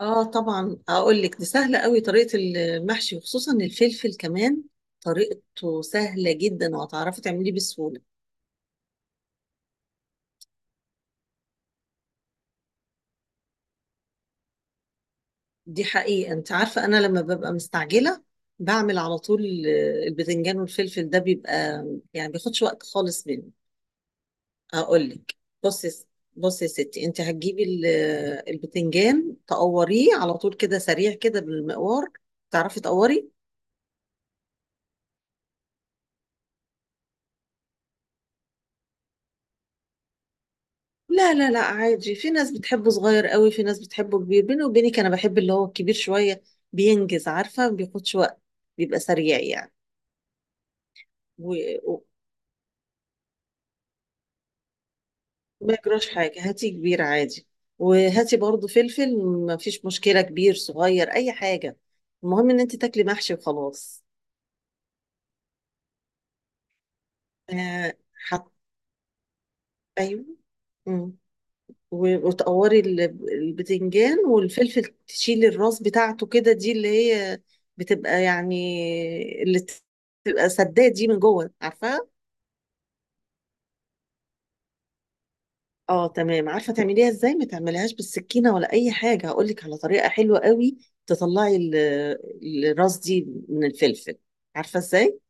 اه طبعا اقول لك، دي سهله قوي طريقه المحشي وخصوصا الفلفل كمان. طريقته سهله جدا وهتعرفي تعمليه بسهوله. دي حقيقه، انت عارفه انا لما ببقى مستعجله بعمل على طول، البذنجان والفلفل ده بيبقى يعني بياخدش وقت خالص مني. اقول لك، بصي، بصي يا ستي، انت هتجيبي ال- البذنجان تقوريه على طول كده سريع كده بالمقوار، تعرفي تقوري؟ لا لا لا، عادي، في ناس بتحبه صغير قوي، في ناس بتحبه كبير، بيني وبينك انا بحب اللي هو الكبير شويه، بينجز، عارفه، ما بياخدش وقت، بيبقى سريع يعني. و- و- وما يجراش حاجه، هاتي كبير عادي، وهاتي برضو فلفل، ما فيش مشكله، كبير صغير اي حاجه، المهم ان انت تاكلي محشي وخلاص. آه، حط، ايوه، و- وتقوري ال- البتنجان والفلفل، تشيلي الراس بتاعته كده، دي اللي هي بتبقى يعني اللي بتبقى سداد دي من جوه، عارفاها. اه تمام، عارفه تعمليها ازاي؟ ما تعمليهاش بالسكينه ولا اي حاجه، هقول لك على طريقه حلوه قوي. تطلعي ال- الراس دي من الفلفل، عارفه ازاي؟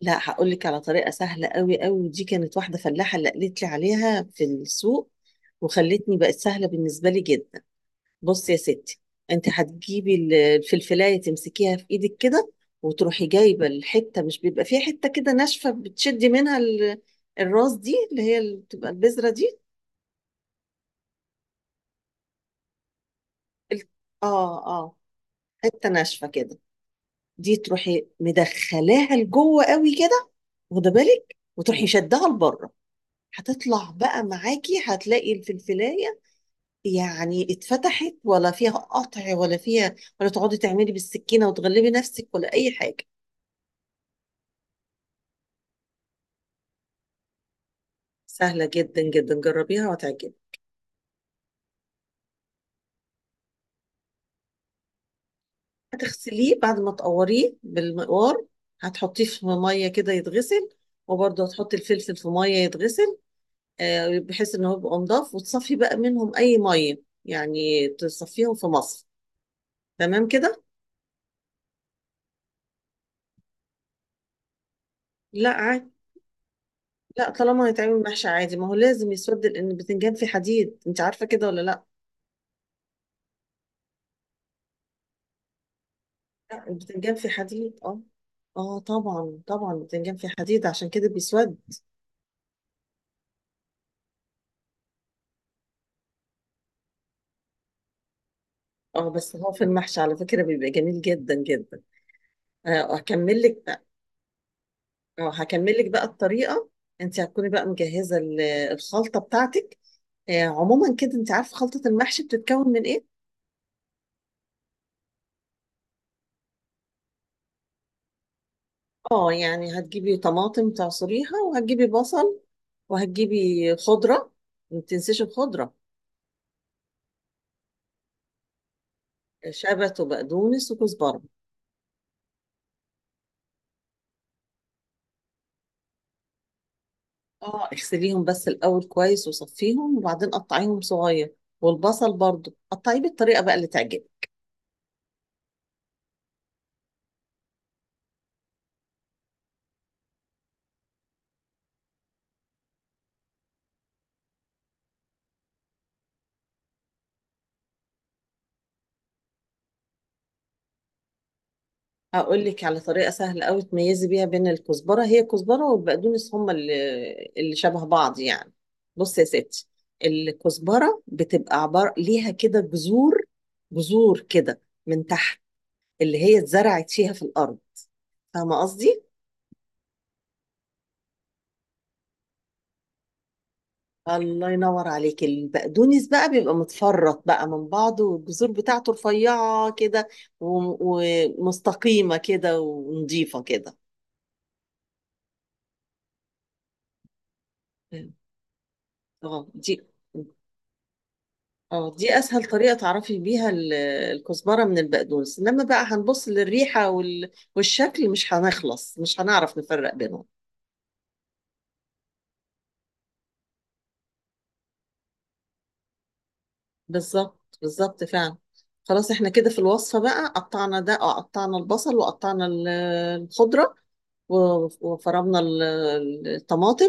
لا، هقول لك على طريقه سهله قوي قوي، ودي كانت واحده فلاحه اللي قالت لي عليها في السوق، وخلتني بقت سهله بالنسبه لي جدا. بصي يا ستي، انت هتجيبي ال- الفلفلايه، تمسكيها في ايدك كده، وتروحي جايبه الحته، مش بيبقى فيها حته كده ناشفه؟ بتشدي منها ال- الراس دي، اللي هي اللي بتبقى البذره دي. ال- اه اه، حته ناشفه كده. دي تروحي مدخلاها لجوه قوي كده، واخده بالك، وتروحي شدها لبره، هتطلع بقى معاكي، هتلاقي الفلفلايه يعني اتفتحت، ولا فيها قطع، ولا فيها، ولا تقعدي تعملي بالسكينه وتغلبي نفسك ولا اي حاجه. سهلة جدا جدا، جربيها وهتعجبك. هتغسليه بعد ما تقوريه بالمقوار، هتحطيه في مية كده يتغسل، وبرضه هتحطي الفلفل في مية يتغسل. آه، بحيث ان هو يبقى نضاف، وتصفي بقى منهم اي مية يعني، تصفيهم في مصر، تمام كده؟ لا عادي، لا طالما هيتعمل محشي عادي، ما هو لازم يسود، لان البتنجان فيه حديد، انت عارفة كده ولا لا؟ لا البتنجان فيه حديد، اه. اه طبعا طبعا، البتنجان فيه حديد عشان كده بيسود. اه بس هو في المحشي على فكرة بيبقى جميل جدا جدا. آه، هكمل لك بقى، اه هكمل لك بقى الطريقه. انت هتكوني بقى مجهزه ال- الخلطه بتاعتك. آه، عموما كده انت عارفه خلطه المحشي بتتكون من ايه. اه يعني هتجيبي طماطم تعصريها، وهتجيبي بصل، وهتجيبي خضره، ما تنسيش الخضره، شبت وبقدونس وكزبره. اه اغسليهم بس الاول كويس، وصفيهم، وبعدين قطعيهم صغير، والبصل برضو قطعيه بالطريقه بقى اللي تعجبك. هقول لك على طريقة سهلة قوي تميزي بيها بين الكزبرة، هي الكزبرة والبقدونس هما اللي شبه بعض يعني. بصي يا ستي، الكزبرة بتبقى عبارة ليها كده جذور، جذور كده من تحت، اللي هي اتزرعت فيها في الأرض، فاهمة قصدي؟ الله ينور عليك. البقدونس بقى بيبقى متفرط بقى من بعضه، والجذور بتاعته رفيعة كده، و- ومستقيمة كده، ونظيفة كده. اه دي، اه دي اسهل طريقه تعرفي بيها ال- الكزبره من البقدونس، انما بقى هنبص للريحه وال... والشكل، مش هنخلص، مش هنعرف نفرق بينهم. بالظبط بالظبط، فعلا. خلاص احنا كده في الوصفه بقى، قطعنا ده، اه قطعنا البصل، وقطعنا ال- الخضره، و- وفرمنا ال- الطماطم،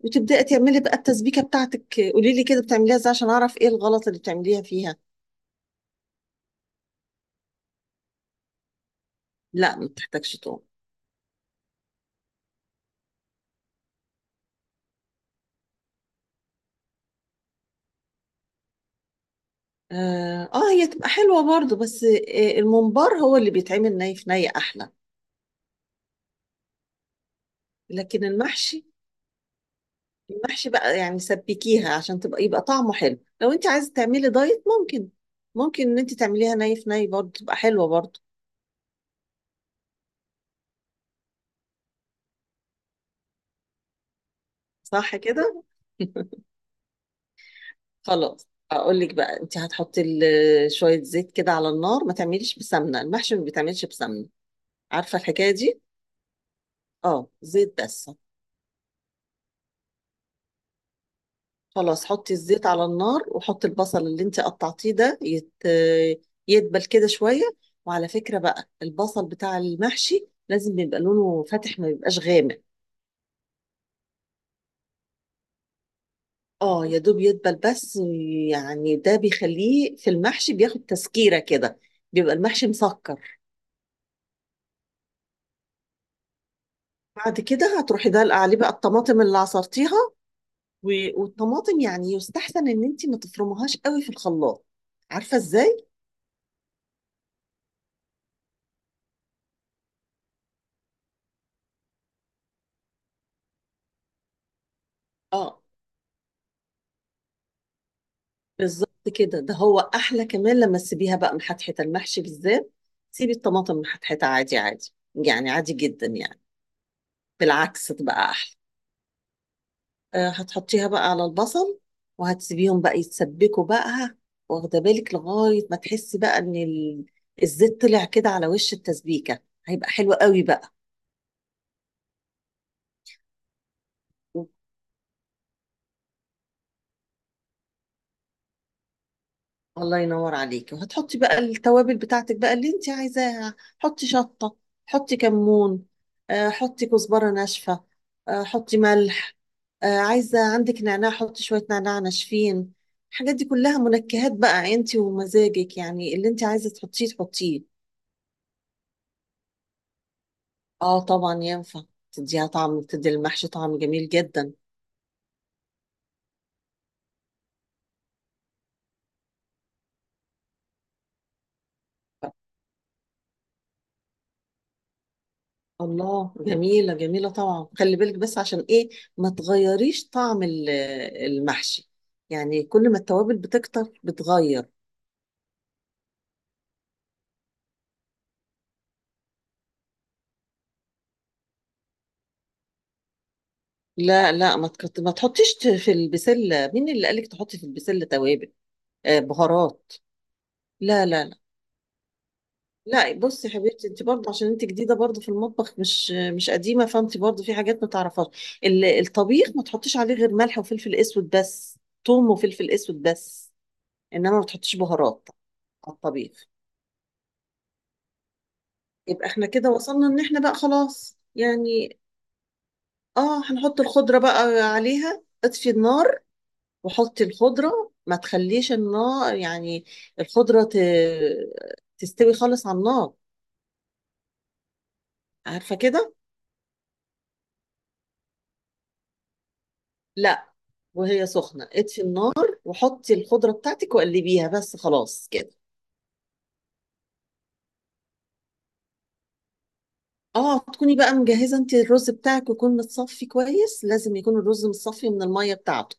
وتبداي تعملي بقى التسبيكه بتاعتك. قولي لي كده بتعمليها ازاي عشان اعرف ايه الغلط اللي بتعمليها فيها. لا ما بتحتاجش. آه, هي تبقى حلوة برضو، بس آه الممبار هو اللي بيتعمل ني في ني أحلى. لكن المحشي، المحشي بقى يعني سبكيها عشان تبقى، يبقى طعمه حلو. لو أنت عايزة تعملي دايت، ممكن إن أنت تعمليها ني في ني برضو، تبقى حلوة برضو. صح كده؟ خلاص، أقول لك بقى، أنت هتحطي ال- شوية زيت كده على النار، ما تعمليش بسمنة، المحشي ما بيتعملش بسمنة، عارفة الحكاية دي؟ آه زيت بس. خلاص، حطي الزيت على النار، وحطي البصل اللي انت قطعتيه ده يدبل كده شوية. وعلى فكرة بقى البصل بتاع المحشي لازم يبقى لونه فاتح، ما يبقاش غامق. اه يا دوب يدبل بس، يعني ده بيخليه في المحشي بياخد تسكيرة كده، بيبقى المحشي مسكر. بعد كده هتروحي دلقة عليه بقى الطماطم اللي عصرتيها. و- والطماطم يعني يستحسن ان انت ما تفرميهاش قوي في الخلاط، عارفة ازاي؟ اه بالظبط كده، ده هو احلى كمان لما تسيبيها بقى محتحته، المحشي بالذات سيبي الطماطم محتحته، عادي عادي يعني، عادي جدا يعني، بالعكس تبقى احلى. أه هتحطيها بقى على البصل، وهتسيبيهم بقى يتسبكوا بقى، واخده بالك لغايه ما تحسي بقى ان ال- الزيت طلع كده على وش التسبيكه، هيبقى حلو قوي بقى. الله ينور عليكي، وهتحطي بقى التوابل بتاعتك بقى اللي انت عايزاها، حطي شطة، حطي كمون، آه، حطي كزبرة ناشفة، آه، حطي ملح، آه، عايزة عندك نعناع حطي شوية نعناع ناشفين. الحاجات دي كلها منكهات بقى، انت ومزاجك، يعني اللي انت عايزة تحطيه تحطيه. اه طبعا ينفع، تديها طعم، تدي المحشي طعم جميل جدا. الله، جميلة جميلة طبعا، خلي بالك بس، عشان ايه؟ ما تغيريش طعم ال- المحشي، يعني كل ما التوابل بتكتر بتغير. لا لا، ما تحطيش في البسلة، مين اللي قالك تحطي في البسلة توابل؟ آه بهارات. لا لا لا لا. بصي يا حبيبتي، انت برضه عشان انت جديدة برضه في المطبخ، مش قديمة، فانت برضه في حاجات ما تعرفهاش. ال- الطبيخ ما تحطيش عليه غير ملح وفلفل اسود بس، ثوم وفلفل اسود بس، انما ما تحطيش بهارات على الطبيخ. يبقى احنا كده وصلنا ان احنا بقى خلاص يعني. اه هنحط الخضرة بقى عليها، اطفي النار وحطي الخضرة، ما تخليش النار يعني الخضرة تستوي خالص على النار، عارفة كده؟ لا، وهي سخنة اطفي النار، وحطي الخضرة بتاعتك وقلبيها بس، خلاص كده. اه تكوني بقى مجهزة انت، الرز بتاعك يكون متصفي كويس، لازم يكون الرز متصفي من المية بتاعته،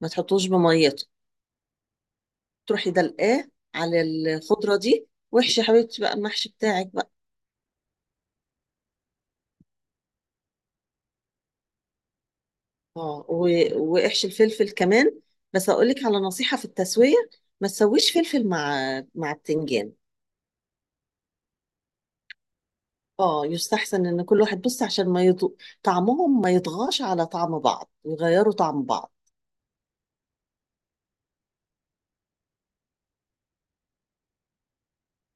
ما تحطوش بميته، تروحي دلقاه على الخضرة دي، واحشي يا حبيبتي بقى المحشي بتاعك بقى. اه و- واحشي الفلفل كمان. بس اقول لك على نصيحة في التسوية، ما تسويش فلفل مع التنجان. اه يستحسن ان كل واحد بص، عشان ما يض... طعمهم ما يطغاش على طعم بعض، يغيروا طعم بعض.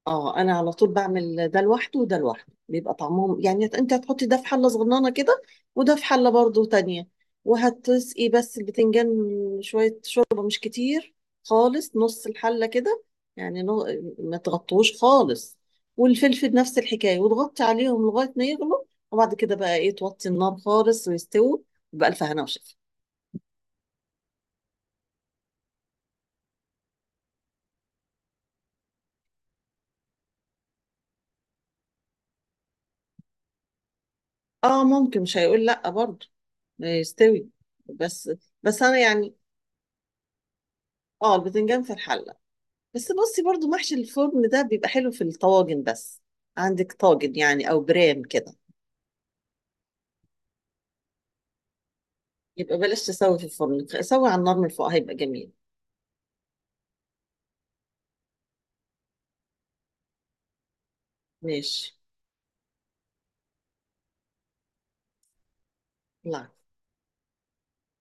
اه انا على طول بعمل ده لوحده وده لوحده، بيبقى طعمهم يعني، انت هتحطي ده في حله صغننه كده، وده في حله برضو تانية، وهتسقي بس البتنجان شويه شوربه، مش كتير خالص، نص الحله كده، يعني ما تغطوش خالص. والفلفل نفس الحكايه، وتغطي عليهم لغايه ما يغلوا، وبعد كده بقى ايه، توطي النار خالص ويستووا، بألف هنا وشفا. اه ممكن، مش هيقول لا برضو، يستوي. بس، انا يعني، اه البتنجان في الحله، بس بصي برضو محشي الفرن ده بيبقى حلو في الطواجن بس، عندك طاجن يعني او برام كده. يبقى بلاش تسوي في الفرن، سوي على النار من فوق هيبقى جميل. ماشي، لا.